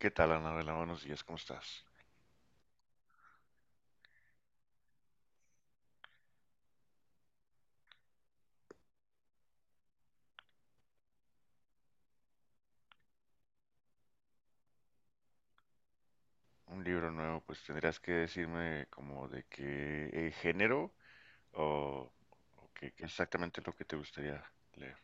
¿Qué tal, Anabela? Buenos días, ¿cómo estás? Un libro nuevo, pues tendrías que decirme como de qué género o, o qué, qué exactamente es lo que te gustaría leer.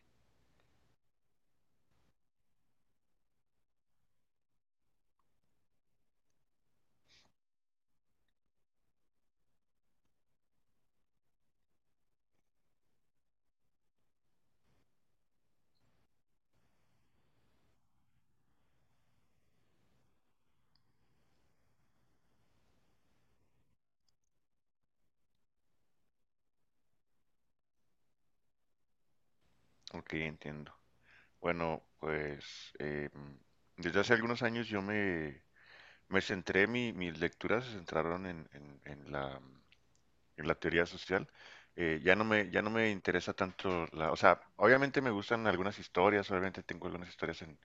Ok, entiendo. Bueno, pues desde hace algunos años me centré, mis lecturas se centraron en, en la teoría social. Ya no me interesa tanto la, o sea, obviamente me gustan algunas historias, obviamente tengo algunas historias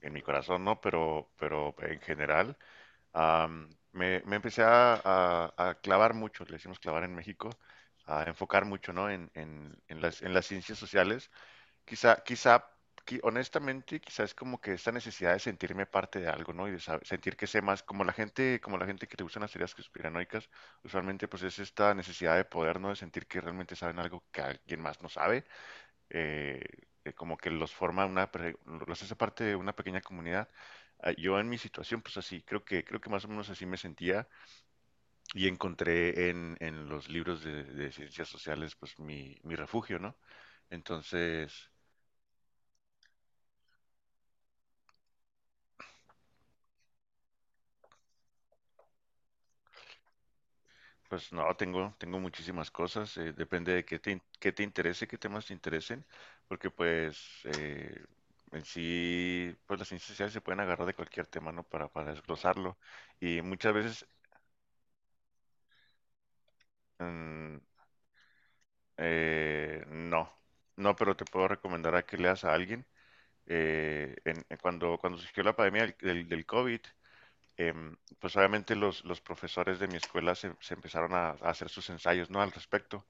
en mi corazón, ¿no? Pero en general. Me empecé a, a clavar mucho, le decimos clavar en México, a enfocar mucho, ¿no? En, en las ciencias sociales. Quizá, quizá, honestamente, quizá es como que esta necesidad de sentirme parte de algo, ¿no? Y de sentir que sé más, como la gente que le gustan las teorías conspiranoicas, usualmente pues es esta necesidad de poder, ¿no? De sentir que realmente saben algo que alguien más no sabe eh, como que los forma una, los hace parte de una pequeña comunidad. Yo en mi situación, pues así, creo que más o menos así me sentía y encontré en los libros de ciencias sociales, pues mi refugio, ¿no? Entonces, pues no, tengo, tengo muchísimas cosas, depende de qué te interese, qué temas te interesen, porque pues en sí, pues las ciencias sociales se pueden agarrar de cualquier tema, ¿no? Para desglosarlo. Y muchas veces mm, no, no, pero te puedo recomendar a que leas a alguien. En cuando, cuando surgió la pandemia del, del COVID, pues obviamente los profesores de mi escuela se, se empezaron a hacer sus ensayos, ¿no? Al respecto.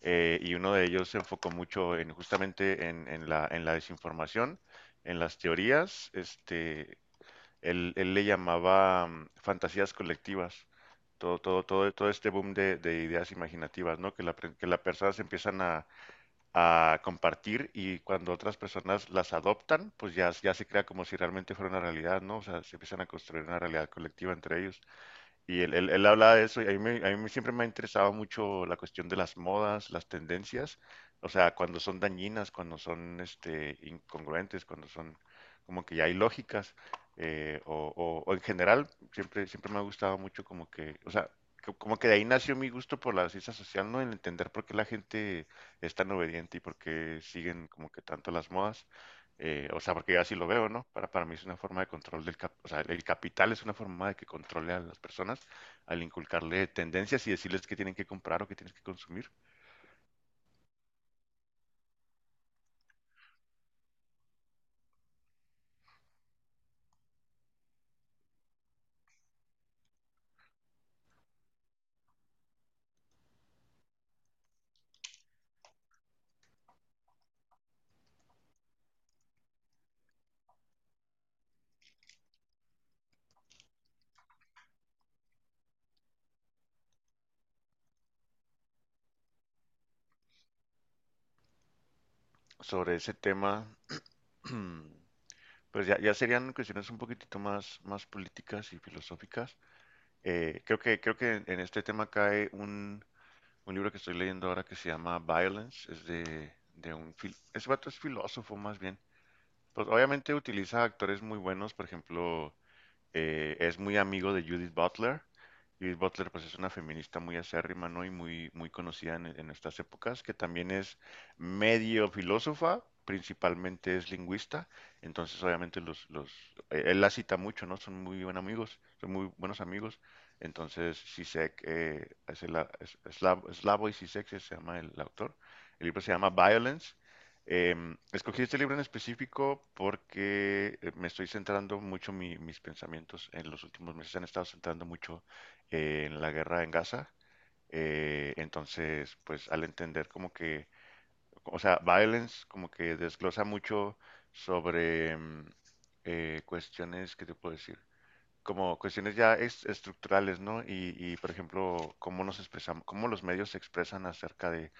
Y uno de ellos se enfocó mucho en justamente en la desinformación, en las teorías. Este, él le llamaba fantasías colectivas. Todo este boom de ideas imaginativas, ¿no? Que que las personas empiezan a compartir y cuando otras personas las adoptan, pues ya, ya se crea como si realmente fuera una realidad, ¿no? O sea, se empiezan a construir una realidad colectiva entre ellos. Y él hablaba de eso y a a mí siempre me ha interesado mucho la cuestión de las modas, las tendencias, o sea, cuando son dañinas, cuando son este, incongruentes, cuando son como que ya ilógicas, o, o en general, siempre, siempre me ha gustado mucho como que, o sea, como que de ahí nació mi gusto por la ciencia social, ¿no? El entender por qué la gente es tan obediente y por qué siguen como que tanto las modas. O sea, porque yo así lo veo, ¿no? Para mí es una forma de control del o sea, el capital es una forma de que controle a las personas al inculcarle tendencias y decirles qué tienen que comprar o qué tienen que consumir. Sobre ese tema, pues ya, ya serían cuestiones un poquitito más, más políticas y filosóficas. Creo que en este tema cae un libro que estoy leyendo ahora que se llama Violence, es de un... ese vato es filósofo más bien. Pues obviamente utiliza actores muy buenos, por ejemplo... es muy amigo de Judith Butler. Judith Butler, pues es una feminista muy acérrima, ¿no? Y muy, muy conocida en estas épocas, que también es medio filósofa, principalmente es lingüista. Entonces, obviamente, él la cita mucho, ¿no? Son muy buenos amigos, son muy buenos amigos. Entonces, Sisek, es Slavoj Zizek se llama el autor. El libro se llama Violence. Escogí este libro en específico porque me estoy centrando mucho, mis pensamientos en los últimos meses se han estado centrando mucho en la guerra en Gaza. Entonces, pues al entender como que, o sea, Violence como que desglosa mucho sobre cuestiones, ¿qué te puedo decir? Como cuestiones ya estructurales, ¿no? Y, por ejemplo, cómo nos expresamos, cómo los medios se expresan acerca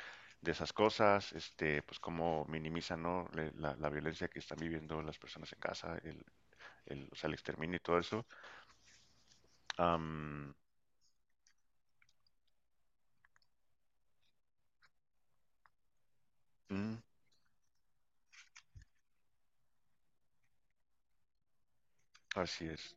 de esas cosas, este, pues cómo minimizan, ¿no? La violencia que están viviendo las personas en casa, el, o sea, el exterminio y todo eso. Am, mm, así es.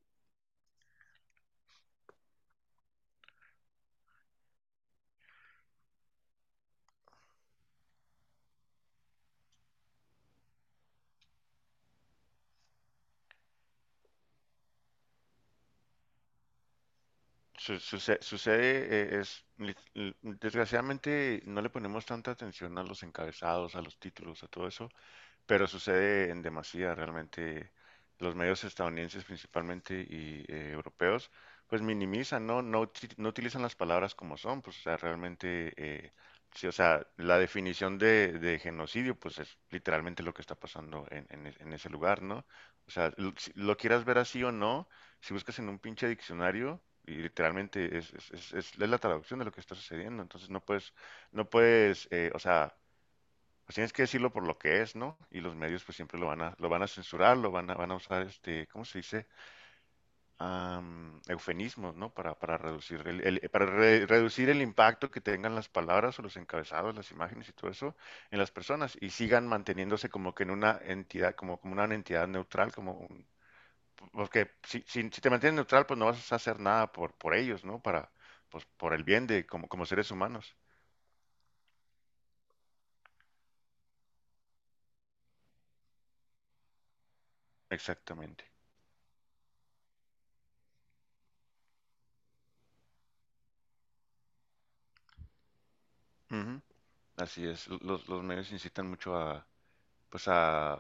Sucede, es, desgraciadamente no le ponemos tanta atención a los encabezados, a los títulos, a todo eso, pero sucede en demasía realmente. Los medios estadounidenses principalmente y europeos, pues minimizan, ¿no? No, no utilizan las palabras como son, pues, o sea, realmente, sí, o sea, la definición de genocidio, pues es literalmente lo que está pasando en, en ese lugar, ¿no? O sea, lo, si lo quieras ver así o no, si buscas en un pinche diccionario, y literalmente es la traducción de lo que está sucediendo, entonces no puedes, no puedes, o sea, pues tienes que decirlo por lo que es, ¿no? Y los medios pues siempre lo van a censurar, lo van a, van a usar este, ¿cómo se dice? Eufemismos, ¿no? Para reducir reducir el impacto que tengan las palabras o los encabezados, las imágenes y todo eso en las personas y sigan manteniéndose como que en una entidad, como, como una entidad neutral, como porque si, si, si te mantienes neutral, pues no vas a hacer nada por, por ellos, ¿no? Para, pues por el bien de, como, como seres humanos. Exactamente. Ujú. Así es, los medios incitan mucho a, pues a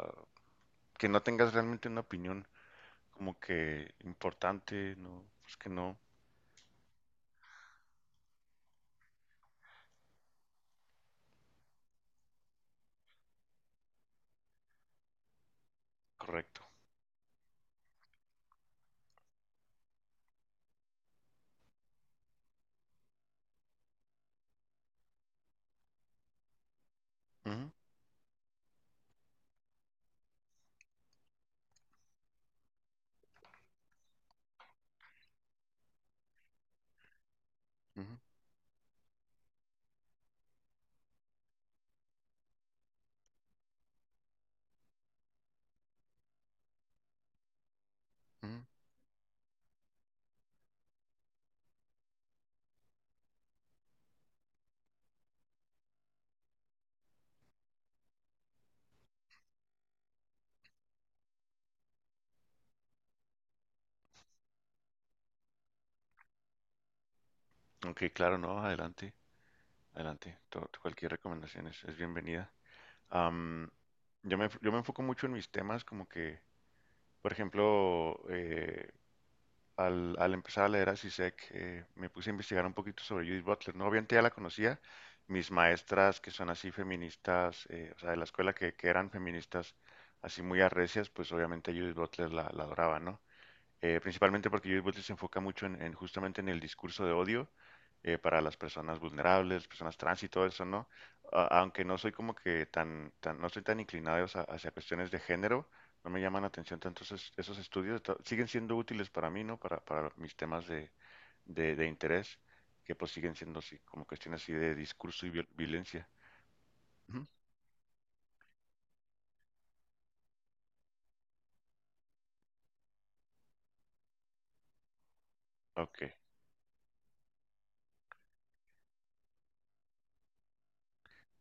que no tengas realmente una opinión como que importante, no, pues que no, correcto. Ujú, ujú, ujú. Ok, claro, no, adelante, adelante. To- cualquier recomendación es bienvenida. Am, yo me enfoco mucho en mis temas, como que, por ejemplo, al, al empezar a leer a Zizek, me puse a investigar un poquito sobre Judith Butler. No, obviamente ya la conocía. Mis maestras que son así feministas, o sea, de la escuela que eran feministas así muy arrecias, pues obviamente Judith Butler la, la adoraba, ¿no? Principalmente porque Judith Butler se enfoca mucho en justamente en el discurso de odio para las personas vulnerables, personas trans y todo eso, ¿no? Aunque no soy como que tan, tan no soy tan inclinado hacia, hacia cuestiones de género, no me llaman la atención tanto esos, esos estudios, siguen siendo útiles para mí, ¿no? Para mis temas de interés, que pues siguen siendo así, como cuestiones así de discurso y violencia. Ujú. Ok.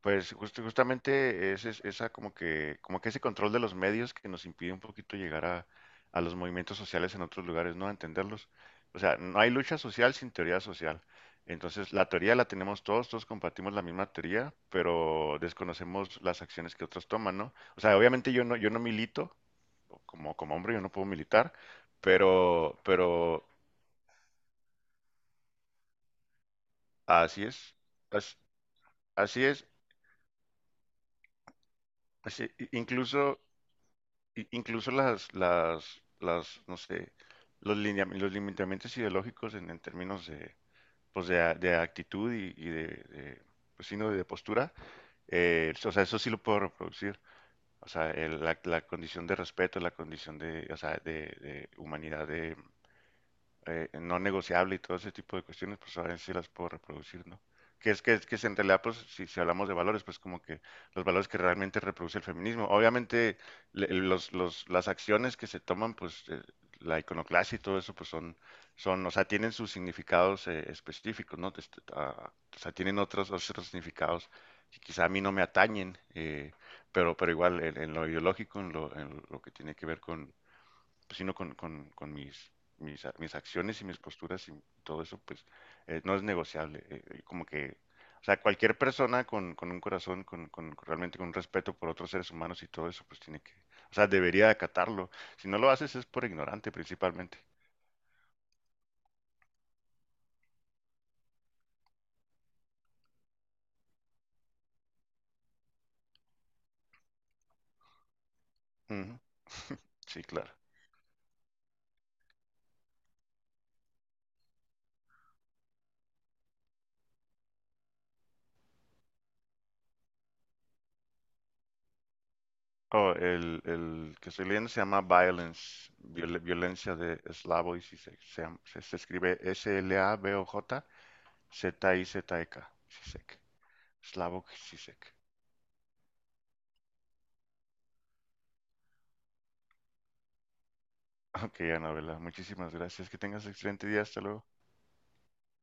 Pues justamente esa como que ese control de los medios que nos impide un poquito llegar a los movimientos sociales en otros lugares, ¿no? A entenderlos. O sea, no hay lucha social sin teoría social. Entonces, la teoría la tenemos todos, todos compartimos la misma teoría, pero desconocemos las acciones que otros toman, ¿no? O sea, obviamente yo no, yo no milito, como, como hombre yo no puedo militar, pero así es, as- así es, así, incluso incluso no sé, los, los limitamientos ideológicos en términos de, pues de, de actitud y de, pues sí, ¿no? De postura, o sea, eso sí lo puedo reproducir. O sea, la, la condición de respeto, la condición de, o sea, de humanidad de, no negociable y todo ese tipo de cuestiones, pues ahora si las puedo reproducir, ¿no? Que es que, es que es en realidad, pues, si, si hablamos de valores, pues como que los valores que realmente reproduce el feminismo. Obviamente, las acciones que se toman, pues, la iconoclasia y todo eso, pues son, son, o sea, tienen sus significados específicos, ¿no? Este, o sea, tienen otros, otros significados que quizá a mí no me atañen, pero igual en lo ideológico, en lo que tiene que ver con, pues, sino con mis acciones y mis posturas y todo eso, pues no es negociable. Como que, o sea, cualquier persona con un corazón, con realmente con un respeto por otros seres humanos y todo eso, pues tiene que, o sea, debería acatarlo. Si no lo haces es por ignorante principalmente. Uh -huh. Sí, claro. Oh, el, que estoy leyendo se llama Violence, viol, violencia de Slavoj y si se, se, se, se escribe Slavoj Zizek, Zizek, Slavoj Zizek. Ok, Anabela, muchísimas gracias. Que tengas excelente día. Hasta luego.